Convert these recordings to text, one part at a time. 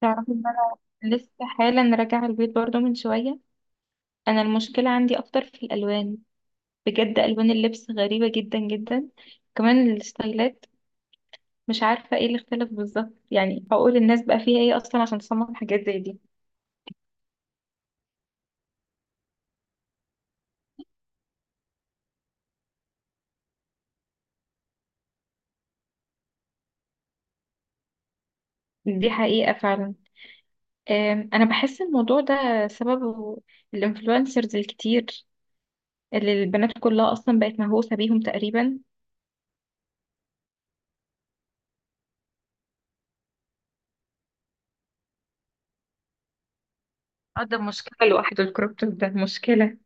تعرفي ان انا لسه حالا راجعه البيت برضو من شويه. انا المشكله عندي اكتر في الالوان، بجد الوان اللبس غريبه جدا جدا، كمان الستايلات. مش عارفه ايه اللي اختلف بالظبط، يعني اقول الناس بقى فيها ايه اصلا عشان تصمم حاجات زي دي. دي حقيقه فعلا. انا بحس الموضوع ده سببه الانفلونسرز الكتير اللي البنات كلها اصلا بقت مهووسه بيهم تقريبا. اه، ده مشكله لوحده، الكروب توب ده مشكله.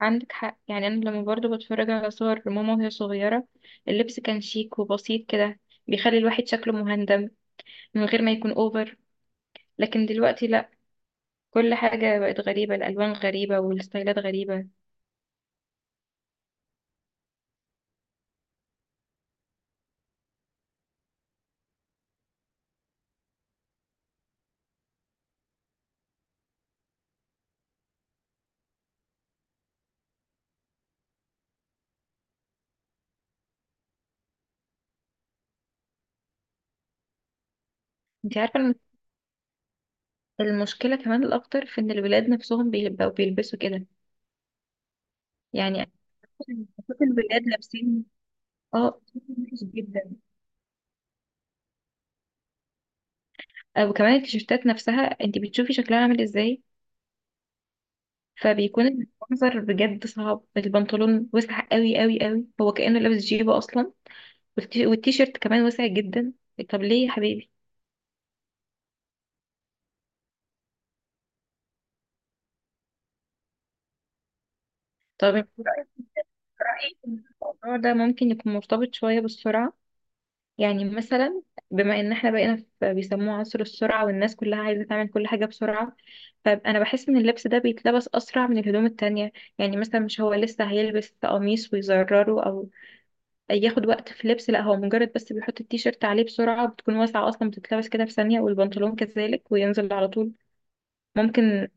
عندك حق، يعني انا لما برضو بتفرج على صور ماما وهي صغيرة اللبس كان شيك وبسيط كده، بيخلي الواحد شكله مهندم من غير ما يكون اوفر. لكن دلوقتي لا، كل حاجة بقت غريبة، الالوان غريبة والستايلات غريبة. انت عارفة المشكلة كمان الاكتر في ان الولاد نفسهم بيبقوا بيلبسوا كده. يعني بشوف الولاد لابسين. اه، وحش جدا. وكمان التيشيرتات نفسها انت بتشوفي شكلها عامل ازاي، فبيكون المنظر بجد صعب، البنطلون وسع قوي قوي قوي، هو كأنه لابس جيبه أصلا، والتيشيرت كمان واسع جدا. طب ليه يا حبيبي؟ طب رأيي إن الموضوع ده ممكن يكون مرتبط شوية بالسرعة. يعني مثلا بما ان احنا بقينا في بيسموه عصر السرعة والناس كلها عايزة تعمل كل حاجة بسرعة، فأنا بحس ان اللبس ده بيتلبس أسرع من الهدوم التانية. يعني مثلا مش هو لسه هيلبس قميص ويزرره أو ياخد وقت في لبس، لا، هو مجرد بس بيحط التيشيرت عليه بسرعة، بتكون واسعة أصلا بتتلبس كده في ثانية، والبنطلون كذلك وينزل على طول. ممكن.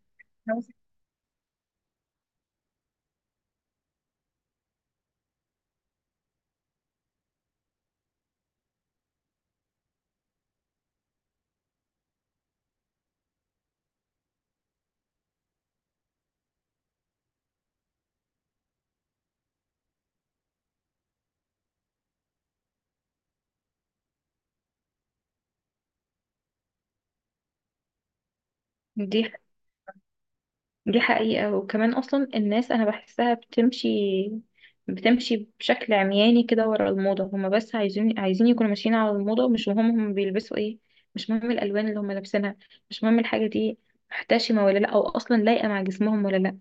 دي دي حقيقة، وكمان أصلا الناس أنا بحسها بتمشي بشكل عمياني كده ورا الموضة، هما بس عايزين يكونوا ماشيين على الموضة، مش مهم هما بيلبسوا ايه، مش مهم الألوان اللي هما لابسينها، مش مهم الحاجة دي محتشمة ولا لأ، أو أصلا لايقة مع جسمهم ولا لأ.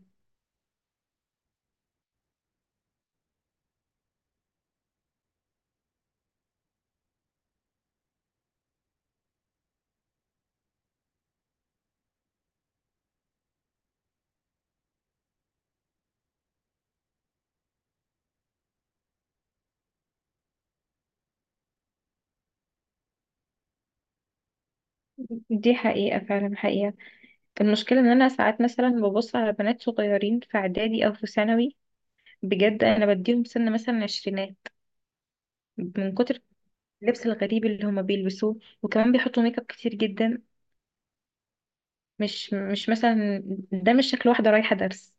دي حقيقة فعلا، حقيقة. المشكلة ان انا ساعات مثلا ببص على بنات صغيرين في اعدادي او في ثانوي، بجد انا بديهم سن مثلا عشرينات من كتر اللبس الغريب اللي هما بيلبسوه، وكمان بيحطوا ميك اب كتير جدا. مش مثلا ده مش شكل واحدة رايحة درس،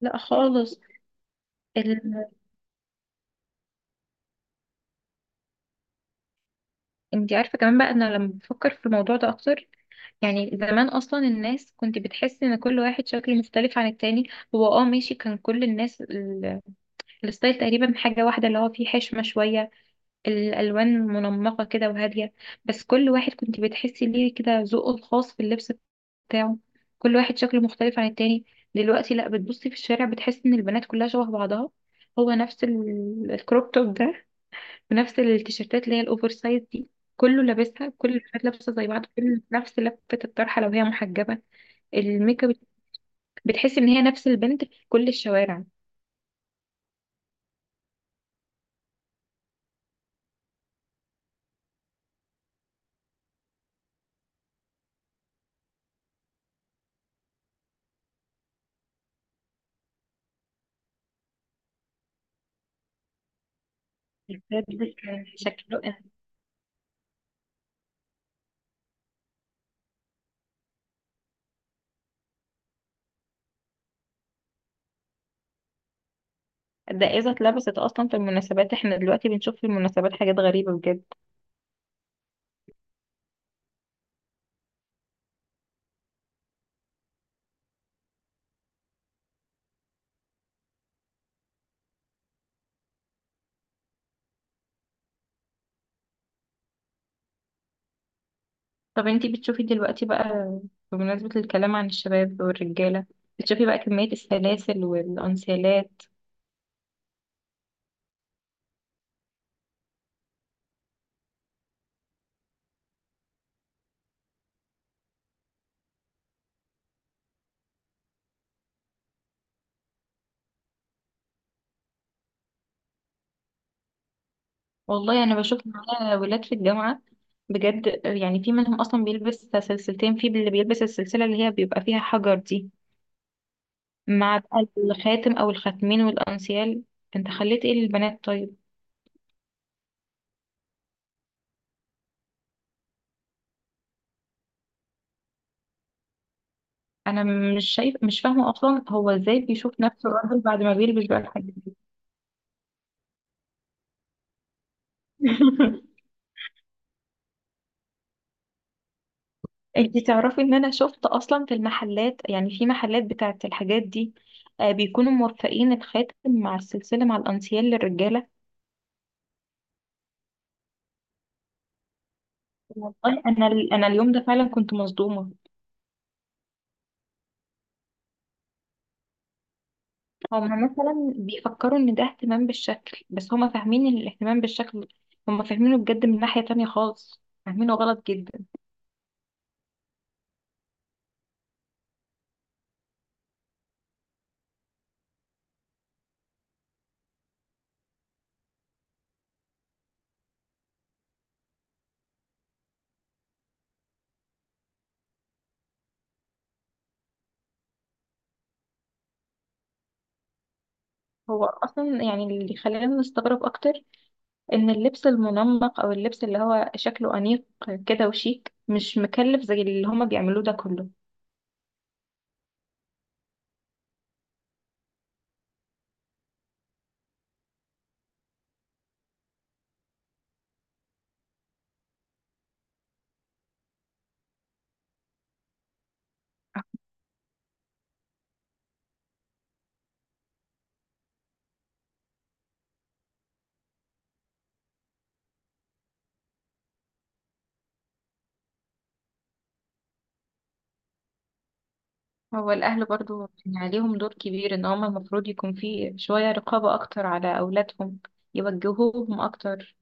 لا خالص. ال... انتي عارفة كمان بقى انا لما بفكر في الموضوع ده اكتر، يعني زمان اصلا الناس كنت بتحس ان كل واحد شكله مختلف عن التاني. هو اه، ماشي، كان كل الناس الستايل تقريبا حاجة واحدة، اللي هو فيه حشمة شوية، الألوان منمقة كده وهادية، بس كل واحد كنت بتحسي ليه كده ذوقه الخاص في اللبس بتاعه، كل واحد شكله مختلف عن التاني. دلوقتي لا، بتبصي في الشارع بتحسي ان البنات كلها شبه بعضها، هو نفس الكروب توب ده، ونفس التيشيرتات اللي هي الأوفر سايز دي، كله لابسها، كل البنات لابسة زي بعض، كل نفس لفة الطرحة لو هي محجبة، الميك اب، بتحسي ان هي نفس البنت في كل الشوارع. ده بجد كان شكله الدقازة اتلبست اصلا في المناسبات، احنا دلوقتي بنشوف في المناسبات حاجات غريبة بجد. طب انتي بتشوفي دلوقتي بقى، بمناسبة الكلام عن الشباب والرجالة، بتشوفي بقى كمية السلاسل والأنسيالات؟ والله أنا بشوف معايا ولاد في الجامعة، بجد يعني في منهم أصلا بيلبس سلسلتين، في اللي بيلبس السلسلة اللي هي بيبقى فيها حجر دي، مع بقى الخاتم أو الخاتمين والأنسيال. انت خليت ايه للبنات طيب؟ أنا مش شايف، مش فاهمة أصلا هو ازاي بيشوف نفسه راجل بعد ما بيلبس بقى الحاجات دي. انتي تعرفي ان انا شفت اصلا في المحلات، يعني في محلات بتاعه الحاجات دي، بيكونوا موفقين الخاتم مع السلسله مع الانسيال للرجاله. والله انا اليوم ده فعلا كنت مصدومه. هما مثلا بيفكروا ان ده اهتمام بالشكل، بس هما فاهمين ان الاهتمام بالشكل هما فاهمينه بجد من ناحيه تانية خالص، فاهمينه غلط جدا. هو اصلا يعني اللي خلانا نستغرب اكتر ان اللبس المنمق او اللبس اللي هو شكله انيق كده وشيك مش مكلف زي اللي هما بيعملوه ده كله. هو الأهل برضو يعني عليهم دور كبير، إن هما المفروض يكون في شوية رقابة أكتر على أولادهم، يوجهوهم أكتر.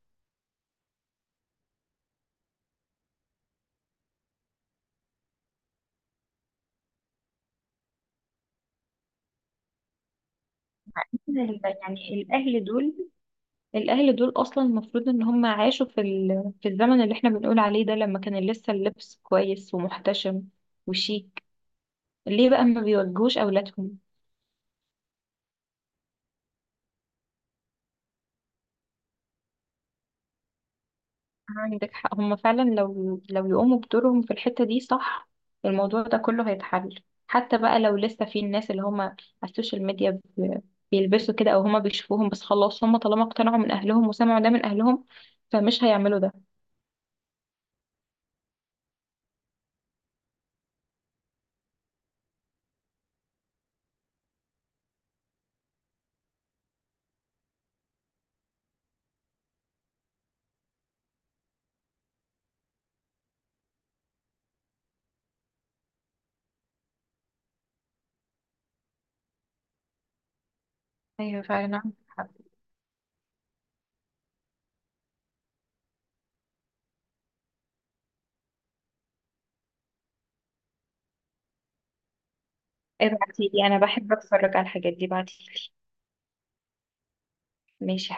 يعني الأهل دول أصلا المفروض إن هما عاشوا في في الزمن اللي إحنا بنقول عليه ده لما كان لسه اللبس كويس ومحتشم وشيك. ليه بقى ما بيوجهوش أولادهم؟ عندك حق، هم فعلا لو يقوموا بدورهم في الحتة دي صح الموضوع ده كله هيتحل، حتى بقى لو لسه في الناس اللي هم على السوشيال ميديا بيلبسوا كده او هم بيشوفوهم، بس خلاص هم طالما اقتنعوا من اهلهم وسمعوا ده من اهلهم فمش هيعملوا ده. ايوه فعلا عندك حق. ابعتيلي، انا بحب اتفرج على الحاجات دي، بعتيلي. ماشي.